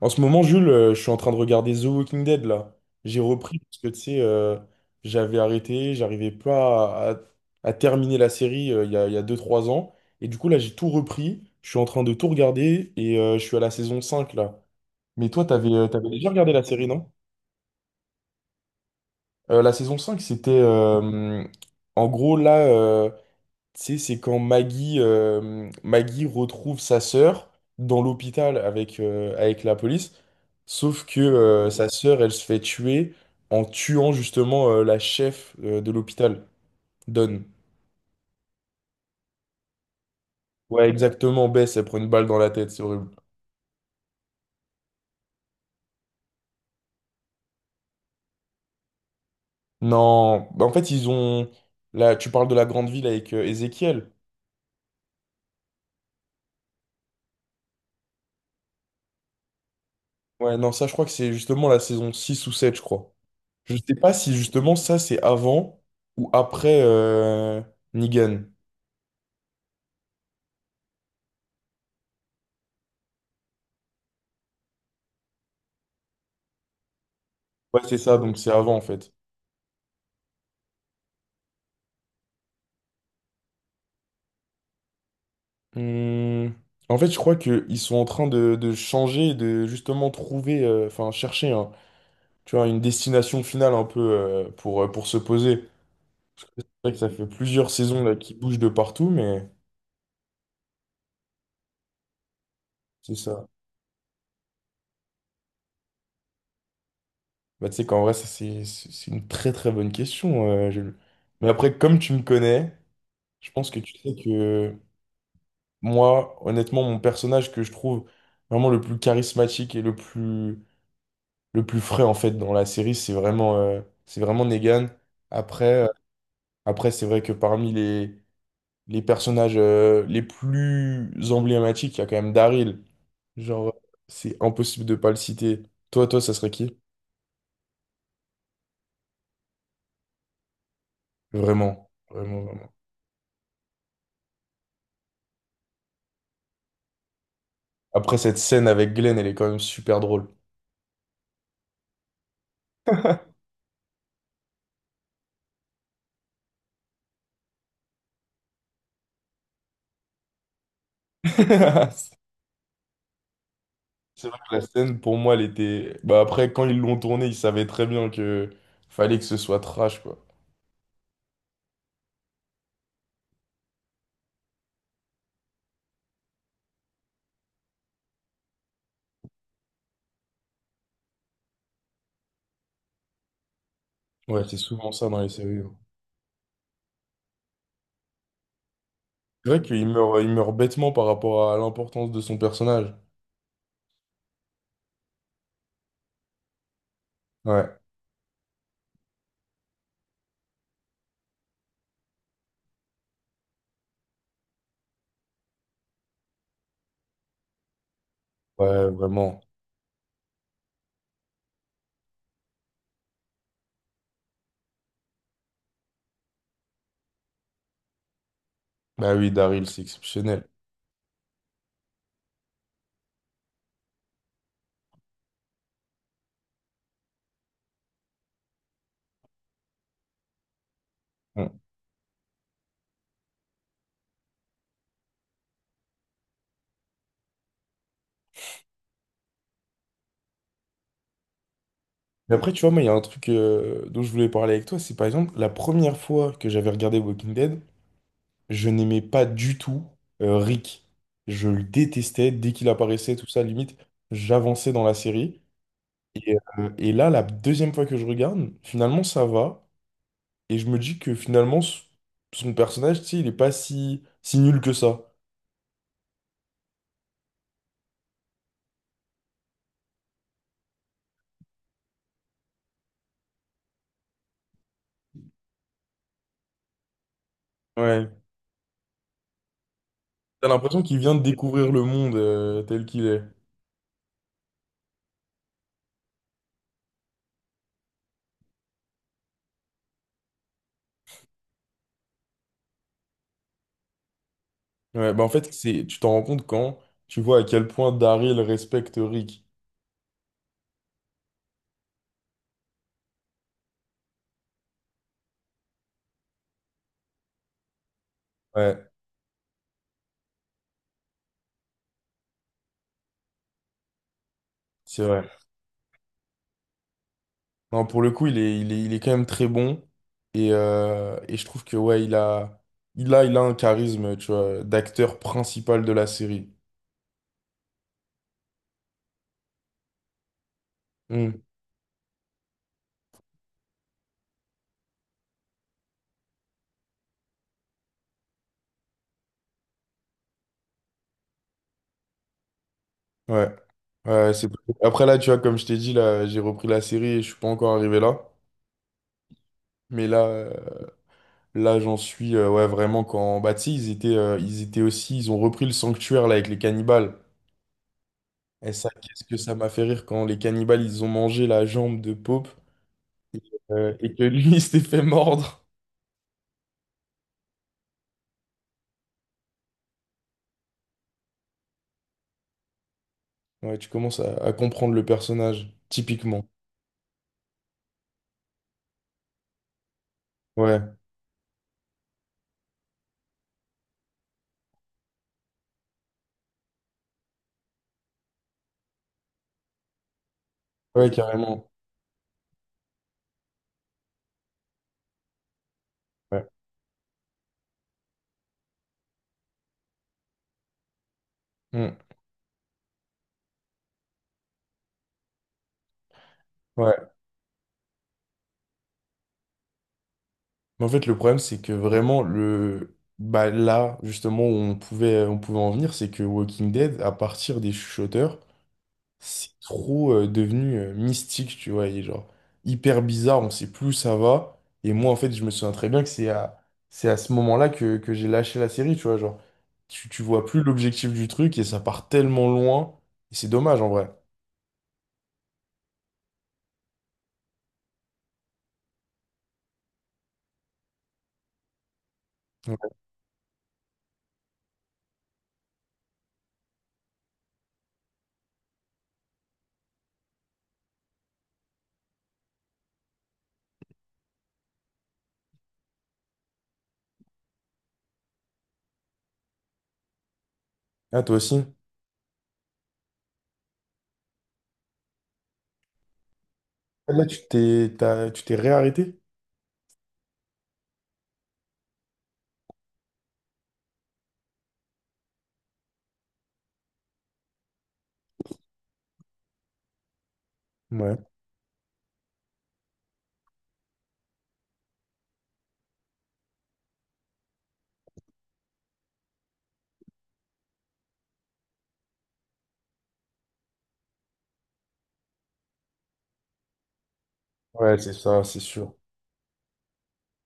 En ce moment, Jules, je suis en train de regarder The Walking Dead là. J'ai repris parce que tu sais, j'avais arrêté, j'arrivais pas à, à terminer la série il y a 2-3 ans. Et du coup, là, j'ai tout repris. Je suis en train de tout regarder et je suis à la saison 5 là. Mais toi, t'avais, t'avais déjà regardé la série, non? La saison 5, c'était en gros là. Tu sais, c'est quand Maggie retrouve sa sœur dans l'hôpital avec, avec la police, sauf que sa sœur, elle se fait tuer en tuant justement la chef de l'hôpital, Dawn. Ouais, exactement, Bess, elle prend une balle dans la tête, c'est horrible. Non, bah, en fait, ils ont... Là, tu parles de la grande ville avec Ezekiel. Ouais, non, ça, je crois que c'est justement la saison 6 ou 7 je crois. Je sais pas si justement ça, c'est avant ou après Negan. Ouais, c'est ça, donc c'est avant en fait. Hmm. En fait, je crois qu'ils sont en train de changer, de justement trouver, enfin tu vois, une destination finale un peu pour se poser. C'est vrai que ça fait plusieurs saisons là qui bougent de partout, mais c'est ça. Bah, tu sais qu'en vrai, ça, c'est une très très bonne question. Jules. Mais après, comme tu me connais, je pense que tu sais que moi, honnêtement, mon personnage que je trouve vraiment le plus charismatique et le plus frais en fait dans la série, c'est vraiment, Negan. Après, euh, après c'est vrai que parmi les personnages les plus emblématiques, il y a quand même Daryl. Genre, euh, c'est impossible de pas le citer. Toi, ça serait qui? Vraiment, vraiment, vraiment. Après cette scène avec Glenn, elle est quand même super drôle. C'est vrai que la scène, pour moi, elle était. Bah après, quand ils l'ont tournée, ils savaient très bien que fallait que ce soit trash, quoi. Ouais, c'est souvent ça dans les séries, hein. C'est vrai qu'il meurt, il meurt bêtement par rapport à l'importance de son personnage. Ouais, ouais, vraiment. Bah oui, Daryl, c'est exceptionnel. Bon. Mais après, tu vois, moi, il y a un truc dont je voulais parler avec toi, c'est par exemple, la première fois que j'avais regardé Walking Dead, je n'aimais pas du tout Rick. Je le détestais, dès qu'il apparaissait, tout ça, limite, j'avançais dans la série. Et là, la deuxième fois que je regarde, finalement, ça va. Et je me dis que finalement, son personnage, tu sais, il est pas si, si nul que ça. Ouais. T'as l'impression qu'il vient de découvrir le monde tel qu'il est. Ouais, bah en fait, c'est, tu t'en rends compte quand tu vois à quel point Daryl respecte Rick. Ouais, c'est vrai. Non, pour le coup, il est quand même très bon. Et je trouve que ouais, il a un charisme, tu vois, d'acteur principal de la série. Hmm, ouais. Ouais, c'est... Après là, tu vois, comme je t'ai dit, là, j'ai repris la série et je suis pas encore arrivé là. Mais là, j'en suis ouais, vraiment quand. Bah, tu sais, ils étaient aussi. Ils ont repris le sanctuaire là avec les cannibales. Et ça, qu'est-ce que ça m'a fait rire quand les cannibales, ils ont mangé la jambe de Pope et que lui, il s'était fait mordre. Ouais, tu commences à comprendre le personnage, typiquement. Ouais, ouais, carrément. Ouais. Mm. Ouais. Mais en fait, le problème, c'est que vraiment, le... bah, là, justement, où on pouvait en venir, c'est que Walking Dead, à partir des chuchoteurs, c'est trop devenu mystique, tu vois, et genre hyper bizarre, on sait plus où ça va. Et moi, en fait, je me souviens très bien que c'est à ce moment-là que j'ai lâché la série, tu vois, genre, tu vois plus l'objectif du truc et ça part tellement loin, et c'est dommage en vrai. Ouais. Ah, toi aussi? Là, tu t'es réarrêté? Ouais. Ouais, c'est ça, c'est sûr.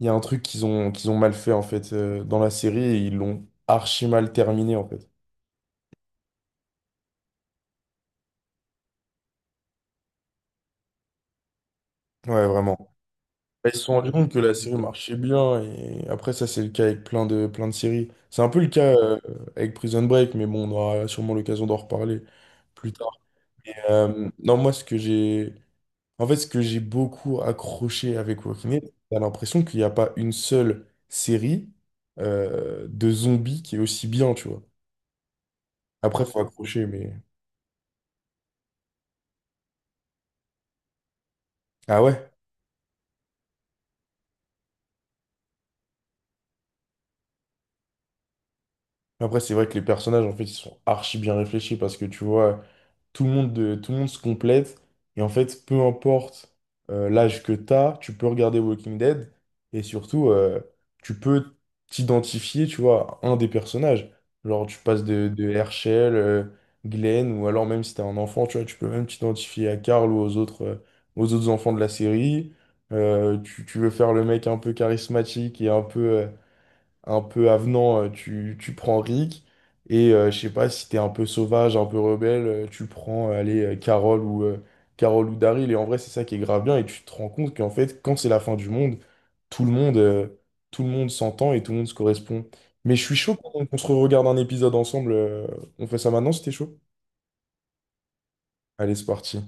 Il y a un truc qu'ils ont mal fait, en fait, dans la série, et ils l'ont archi mal terminé, en fait. Ouais, vraiment. Bah, Ils se sont rendus compte que la série marchait bien, et après, ça, c'est le cas avec plein de séries. C'est un peu le cas avec Prison Break, mais bon, on aura sûrement l'occasion d'en reparler plus tard. Non, moi, ce que j'ai. En fait, ce que j'ai beaucoup accroché avec Walking Dead, t'as l'impression qu'il n'y a pas une seule série de zombies qui est aussi bien, tu vois. Après, faut accrocher, mais. Ah ouais? Après, c'est vrai que les personnages, en fait, ils sont archi bien réfléchis parce que tu vois. Tout le monde se complète. Et en fait, peu importe l'âge que tu as, tu peux regarder Walking Dead. Et surtout, tu peux t'identifier, tu vois, à un des personnages. Genre, tu passes de Herschel, Glenn, ou alors même si t'es un enfant, tu vois, tu peux même t'identifier à Carl ou aux autres enfants de la série. Tu veux faire le mec un peu charismatique et un peu avenant, tu prends Rick. Et je sais pas si t'es un peu sauvage, un peu rebelle, tu prends, allez, Carole ou Daryl. Et en vrai, c'est ça qui est grave bien. Et tu te rends compte qu'en fait, quand c'est la fin du monde, tout le monde, euh, tout le monde s'entend et tout le monde se correspond. Mais je suis chaud qu'on se regarde un épisode ensemble. On fait ça maintenant si t'es chaud? Allez, c'est parti.